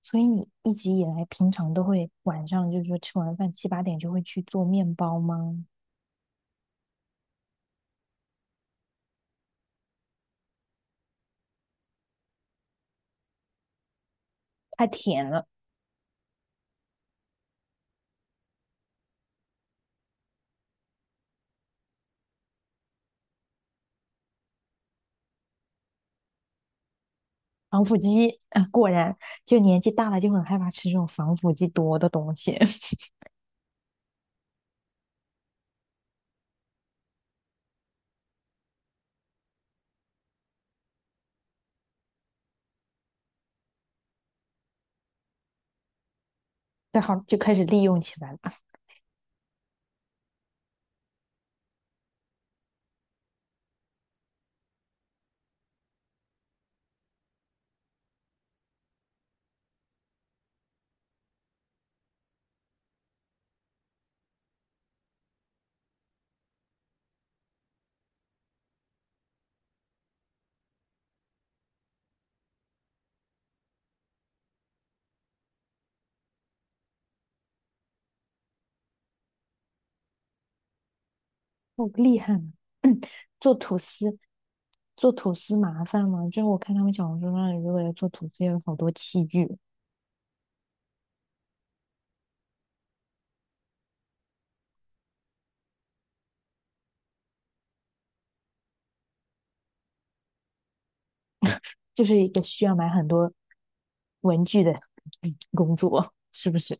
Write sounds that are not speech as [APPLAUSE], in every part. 所以你一直以来平常都会晚上就是说吃完饭七八点就会去做面包吗？太甜了，防腐剂啊，果然就年纪大了就很害怕吃这种防腐剂多的东西，[LAUGHS] 对，好就开始利用起来了，好厉害啊！[CLEARS THROAT] 做吐司，做吐司麻烦吗？就是我看他们小红书上，如果要做吐司，有好多器具，就是一个需要买很多文具的 [LAUGHS] 工作，是不是？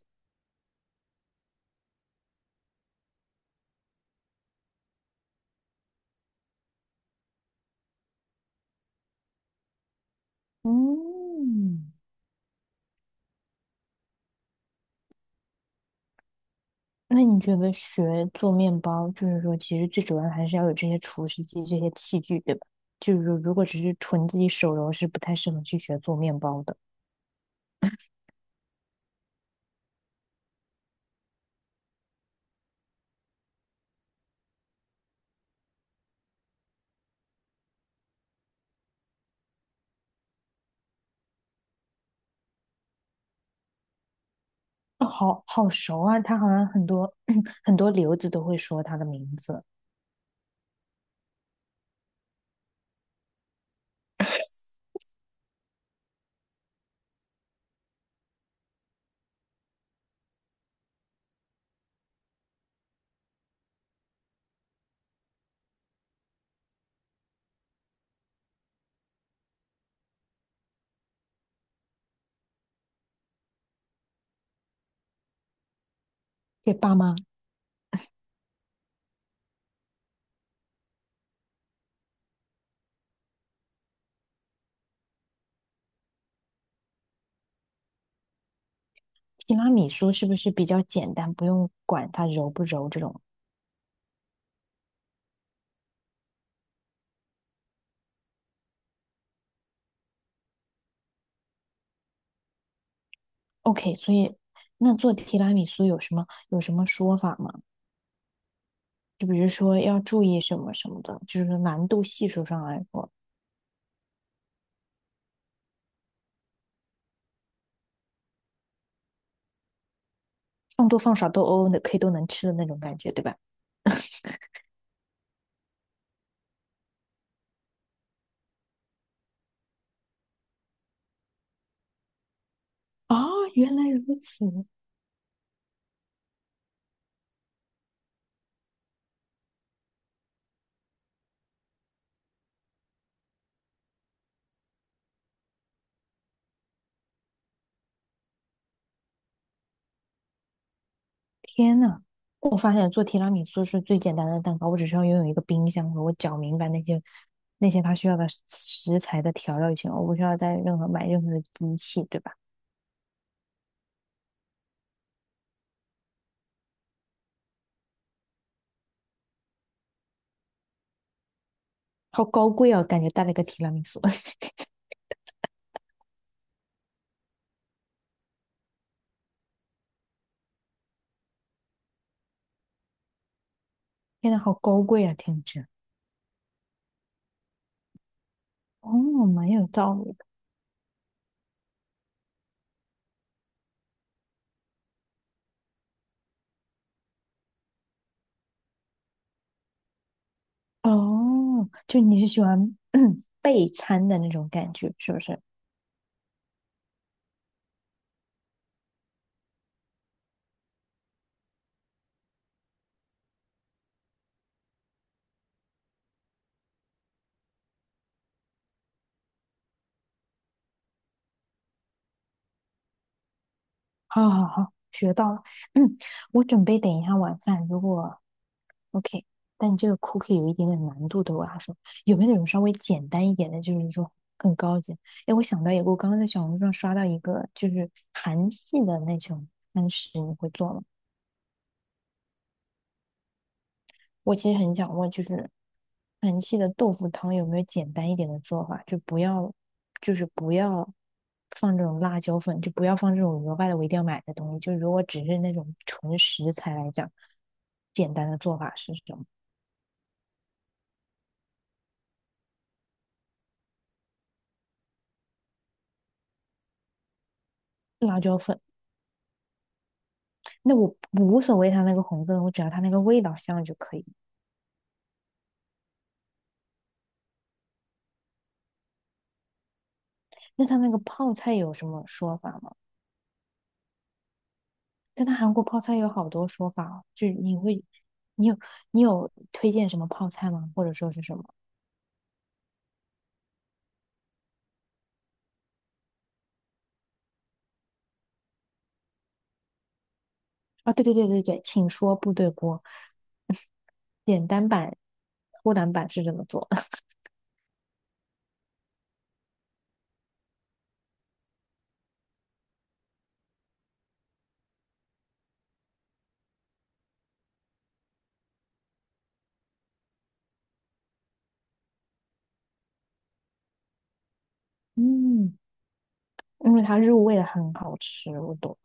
嗯，那你觉得学做面包，就是说，其实最主要的还是要有这些厨师机、这些器具，对吧？就是说，如果只是纯自己手揉，是不太适合去学做面包的。哦好好熟啊，他好像很多 [CLEARS THROAT] 很多留子都会说他的名字。给爸妈，提拉米苏是不是比较简单，不用管它揉不揉这种？OK,所以那做提拉米苏有什么有什么说法吗？就比如说要注意什么什么的，就是说难度系数上来说。放多放少都哦哦的可以都能吃的那种感觉，对吧？啊，原来如此，天呐！我发现做提拉米苏是最简单的蛋糕，我只需要拥有一个冰箱和我搅明白那些那些它需要的食材的调料就行了，我不需要再任何买任何的机器，对吧？好高贵啊，感觉带了个提拉米苏，[LAUGHS] 天呐，好高贵啊，听着。哦，蛮有道理的。哦，就你是喜欢 [CLEARS THROAT] 备餐的那种感觉，是不是？好好好，学到了。[CLEARS THROAT] 嗯，我准备等一下晚饭，如果 OK,但这个 cookie 有一点点难度的，我要说，有没有那种稍微简单一点的，就是说更高级？哎，我想到一个，我刚刚在小红书上刷到一个，就是韩系的那种餐食，你会做吗？我其实很想问，就是韩系的豆腐汤有没有简单一点的做法？就不要，就是不要放这种辣椒粉，就不要放这种额外的我一定要买的东西。就如果只是那种纯食材来讲，简单的做法是什么？辣椒粉，那我无所谓它那个红色的，我只要它那个味道香就可以。那它那个泡菜有什么说法吗？但它韩国泡菜有好多说法哦就是你会，你有你有推荐什么泡菜吗？或者说是什么？啊，对对对对对，请说部队锅，[LAUGHS] 简单版、偷懒版是这么做的 [LAUGHS] 嗯，因为它入味的很好吃，我懂，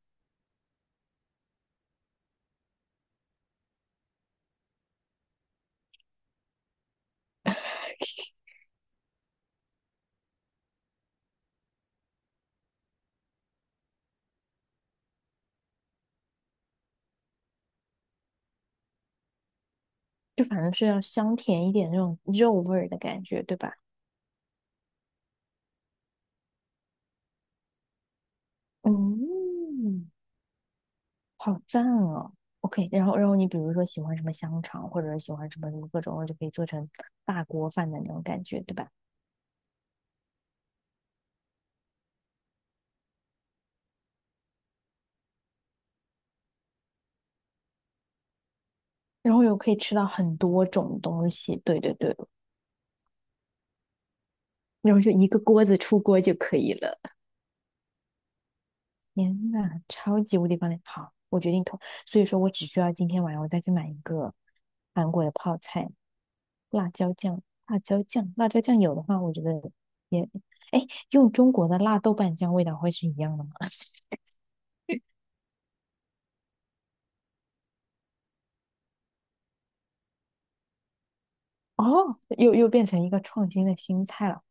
就反正是要香甜一点那种肉味儿的感觉，对吧？嗯，好赞哦。OK,然后你比如说喜欢什么香肠，或者是喜欢什么什么各种，就可以做成大锅饭的那种感觉，对吧？然后又可以吃到很多种东西，对对对，然后就一个锅子出锅就可以了。天呐，超级无敌方便！好，我决定投，所以说我只需要今天晚上我再去买一个韩国的泡菜辣椒酱，辣椒酱，辣椒酱有的话，我觉得也，哎，用中国的辣豆瓣酱味道会是一样的吗？[LAUGHS] 哦，又变成一个创新的新菜了，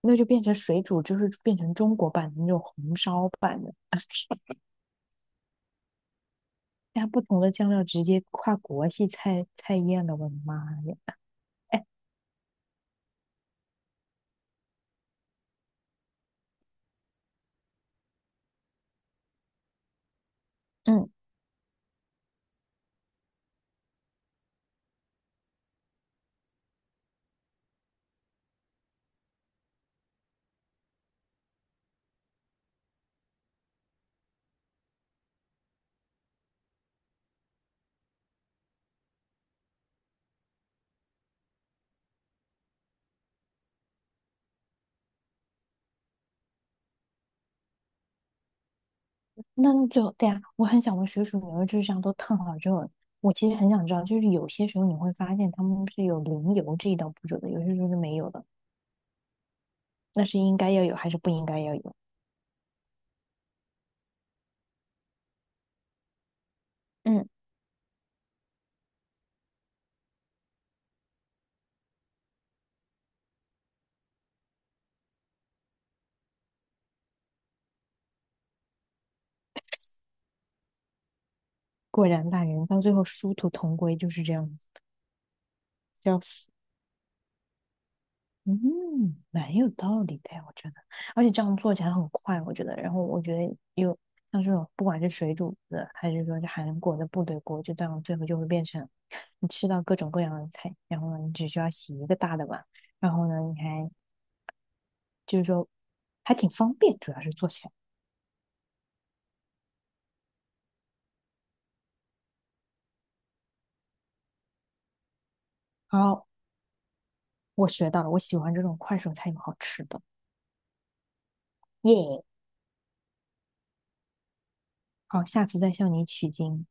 那就变成水煮，就是变成中国版的那种红烧版的，[LAUGHS] 加不同的酱料，直接跨国系菜菜宴了，我的妈呀！哎，嗯。那最后，对呀，我很想问水煮牛肉就是这样都烫好之后，我其实很想知道，就是有些时候你会发现他们是有淋油这一道步骤的，有些时候是没有的，那是应该要有还是不应该要有？嗯，果然大人到最后殊途同归就是这样子，笑死。嗯，蛮有道理的呀，我觉得，而且这样做起来很快，我觉得。然后我觉得有像这种，不管是水煮的，还是说是韩国的部队锅，就这样最后就会变成你吃到各种各样的菜，然后呢，你只需要洗一个大的碗，然后呢，你还就是说还挺方便，主要是做起来。好，我学到了，我喜欢这种快手菜有好吃的，耶！好，下次再向你取经。